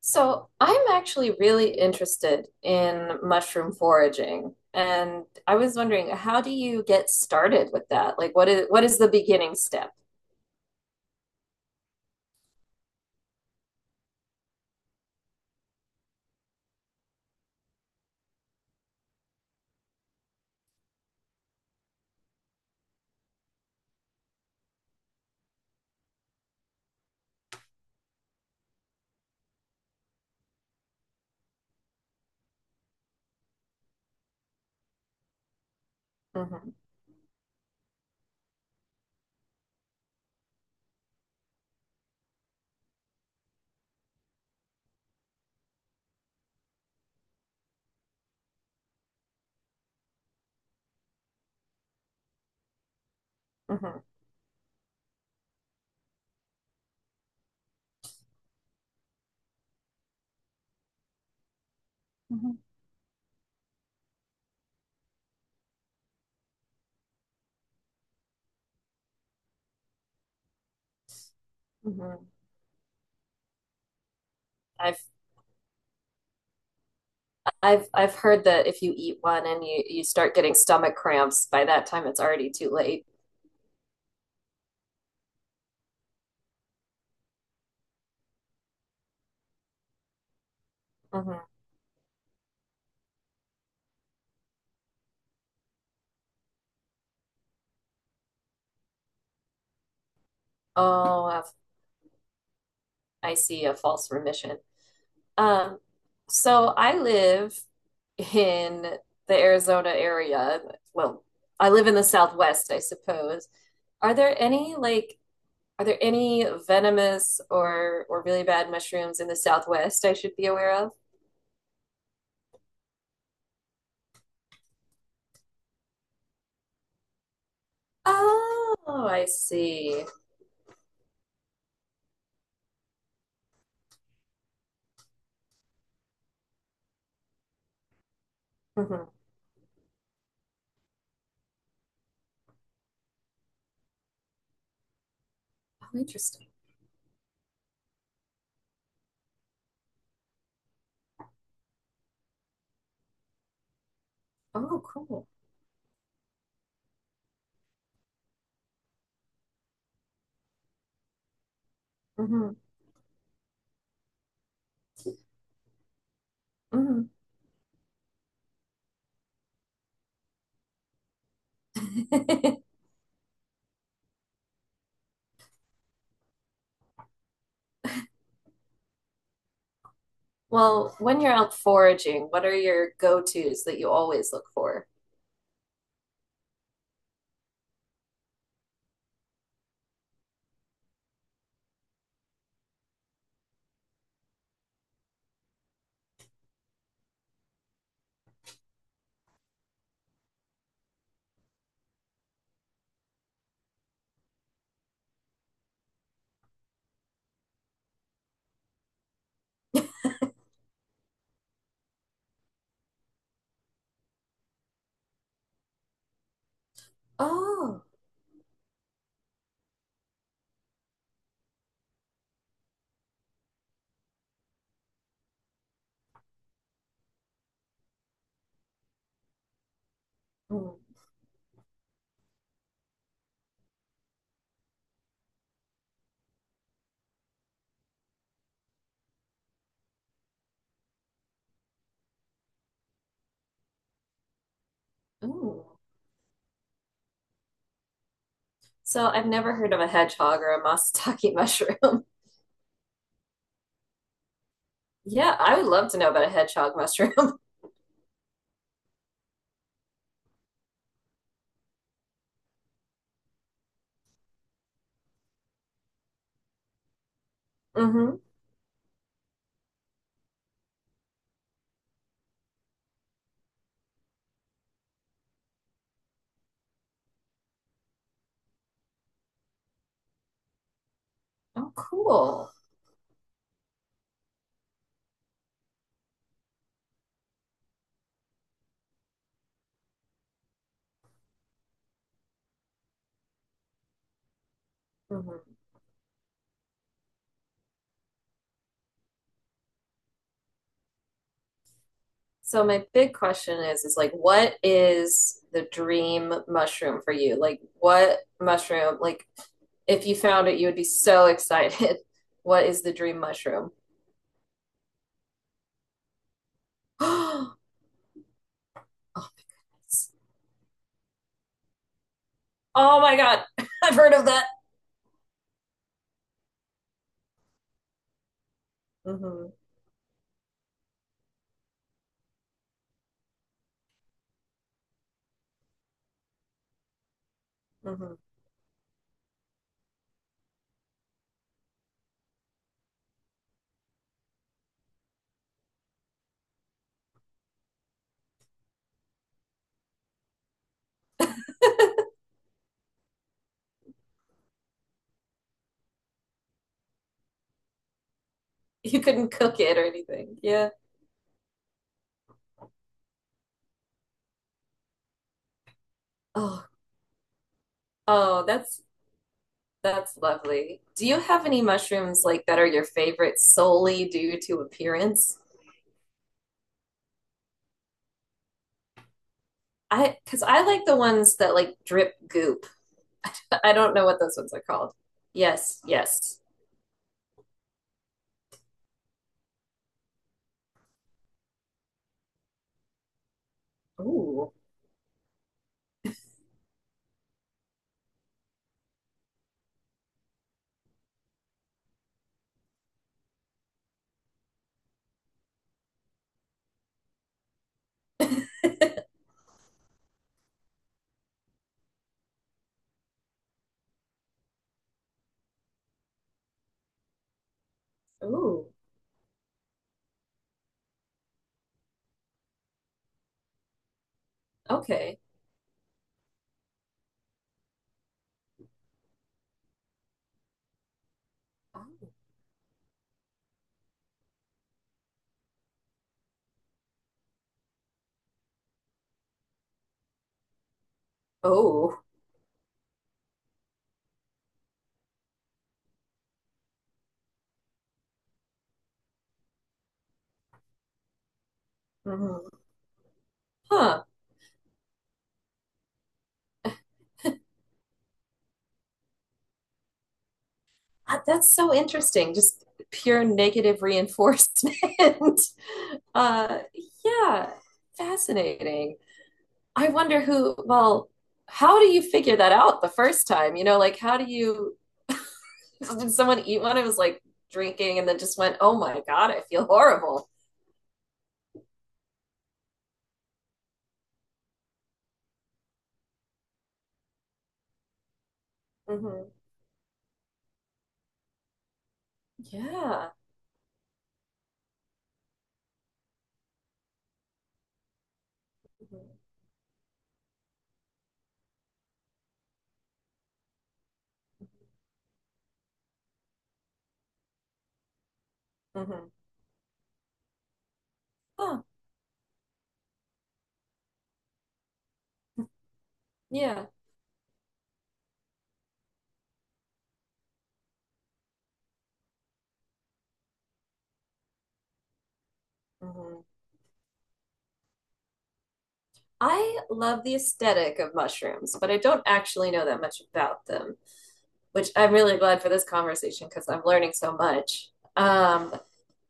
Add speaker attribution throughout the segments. Speaker 1: So I'm actually really interested in mushroom foraging, and I was wondering, how do you get started with that? Like, what is the beginning step? Mm-hmm. Mm-hmm. Mm-hmm. Mm-hmm. I've I've heard that if you eat one and you start getting stomach cramps, by that time it's already too late. Hmm. Oh, I've, I see, a false remission. Um, so I live in the Arizona area. Well, I live in the Southwest, I suppose. Are there any like Are there any venomous or really bad mushrooms in the Southwest I should be aware of? Oh, I see. Mhm. Oh, interesting. Oh, cool. Hmm. Hmm. Well, when you're out foraging, what are your go-tos that you always look for? Oh, mm, ooh. So I've never heard of a hedgehog or a matsutake mushroom. Yeah, I would love to know about a hedgehog mushroom. Hmm. Oh, cool. Hmm. So my big question is like, what is the dream mushroom for you? Like what mushroom, like if you found it, you would be so excited. What is the dream mushroom? Oh, oh my God. I've heard of that. Hmm. Hmm. You couldn't cook it or anything. Yeah. Oh, oh, that's lovely. Do you have any mushrooms like that are your favorite solely due to appearance? I, because I like the ones that like drip goop. I don't know what those ones are called. Yes, yes. Ooh, ooh. Okay. Oh. Mhm. Huh. Ah, that's so interesting. Just pure negative reinforcement. Uh, yeah, fascinating. I wonder who, well, how do you figure that out the first time? You know, like how do you, did someone eat one? It was like drinking and then just went, oh my God, I feel horrible. Mm-hmm. Yeah. Mm-hmm. Mm-hmm. Huh. Yeah. Mm-hmm. I love the aesthetic of mushrooms, but I don't actually know that much about them, which I'm really glad for this conversation because I'm learning so much. Um,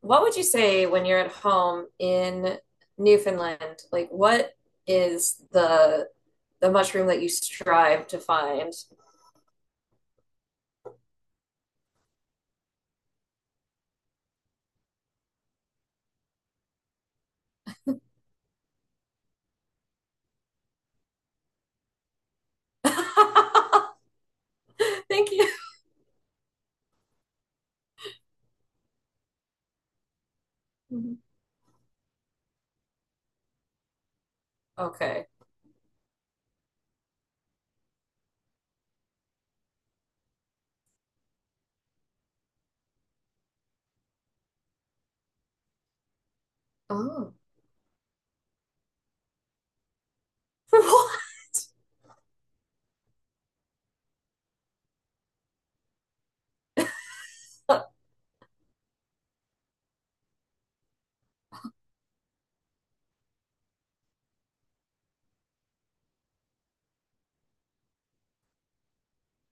Speaker 1: what would you say when you're at home in Newfoundland? Like, what is the mushroom that you strive to find? Thank you. Mhm. Okay. Oh. For— What?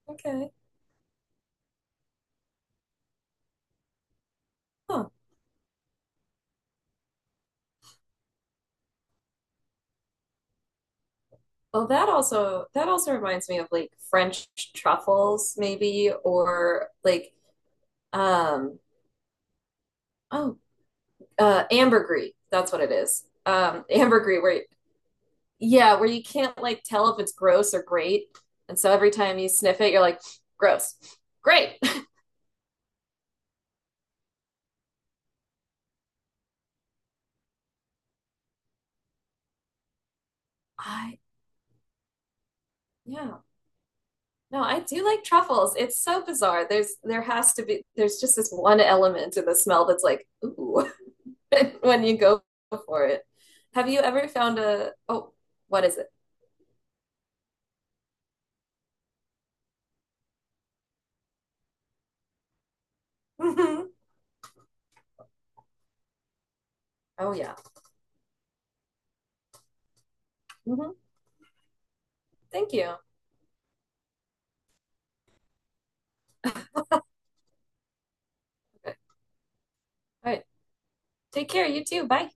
Speaker 1: Okay. Huh. Well, that also reminds me of like French truffles, maybe, or like um oh, ambergris. That's what it is. Um, ambergris, where— yeah, where you can't like tell if it's gross or great. And so every time you sniff it, you're like, gross. Great. I— yeah. No, I do like truffles. It's so bizarre. There's there has to be there's just this one element in the smell that's like, ooh, when you go for it. Have you ever found a— oh, what is it? Oh yeah. Hmm. Thank you. Okay. All right. Take care, you too. Bye.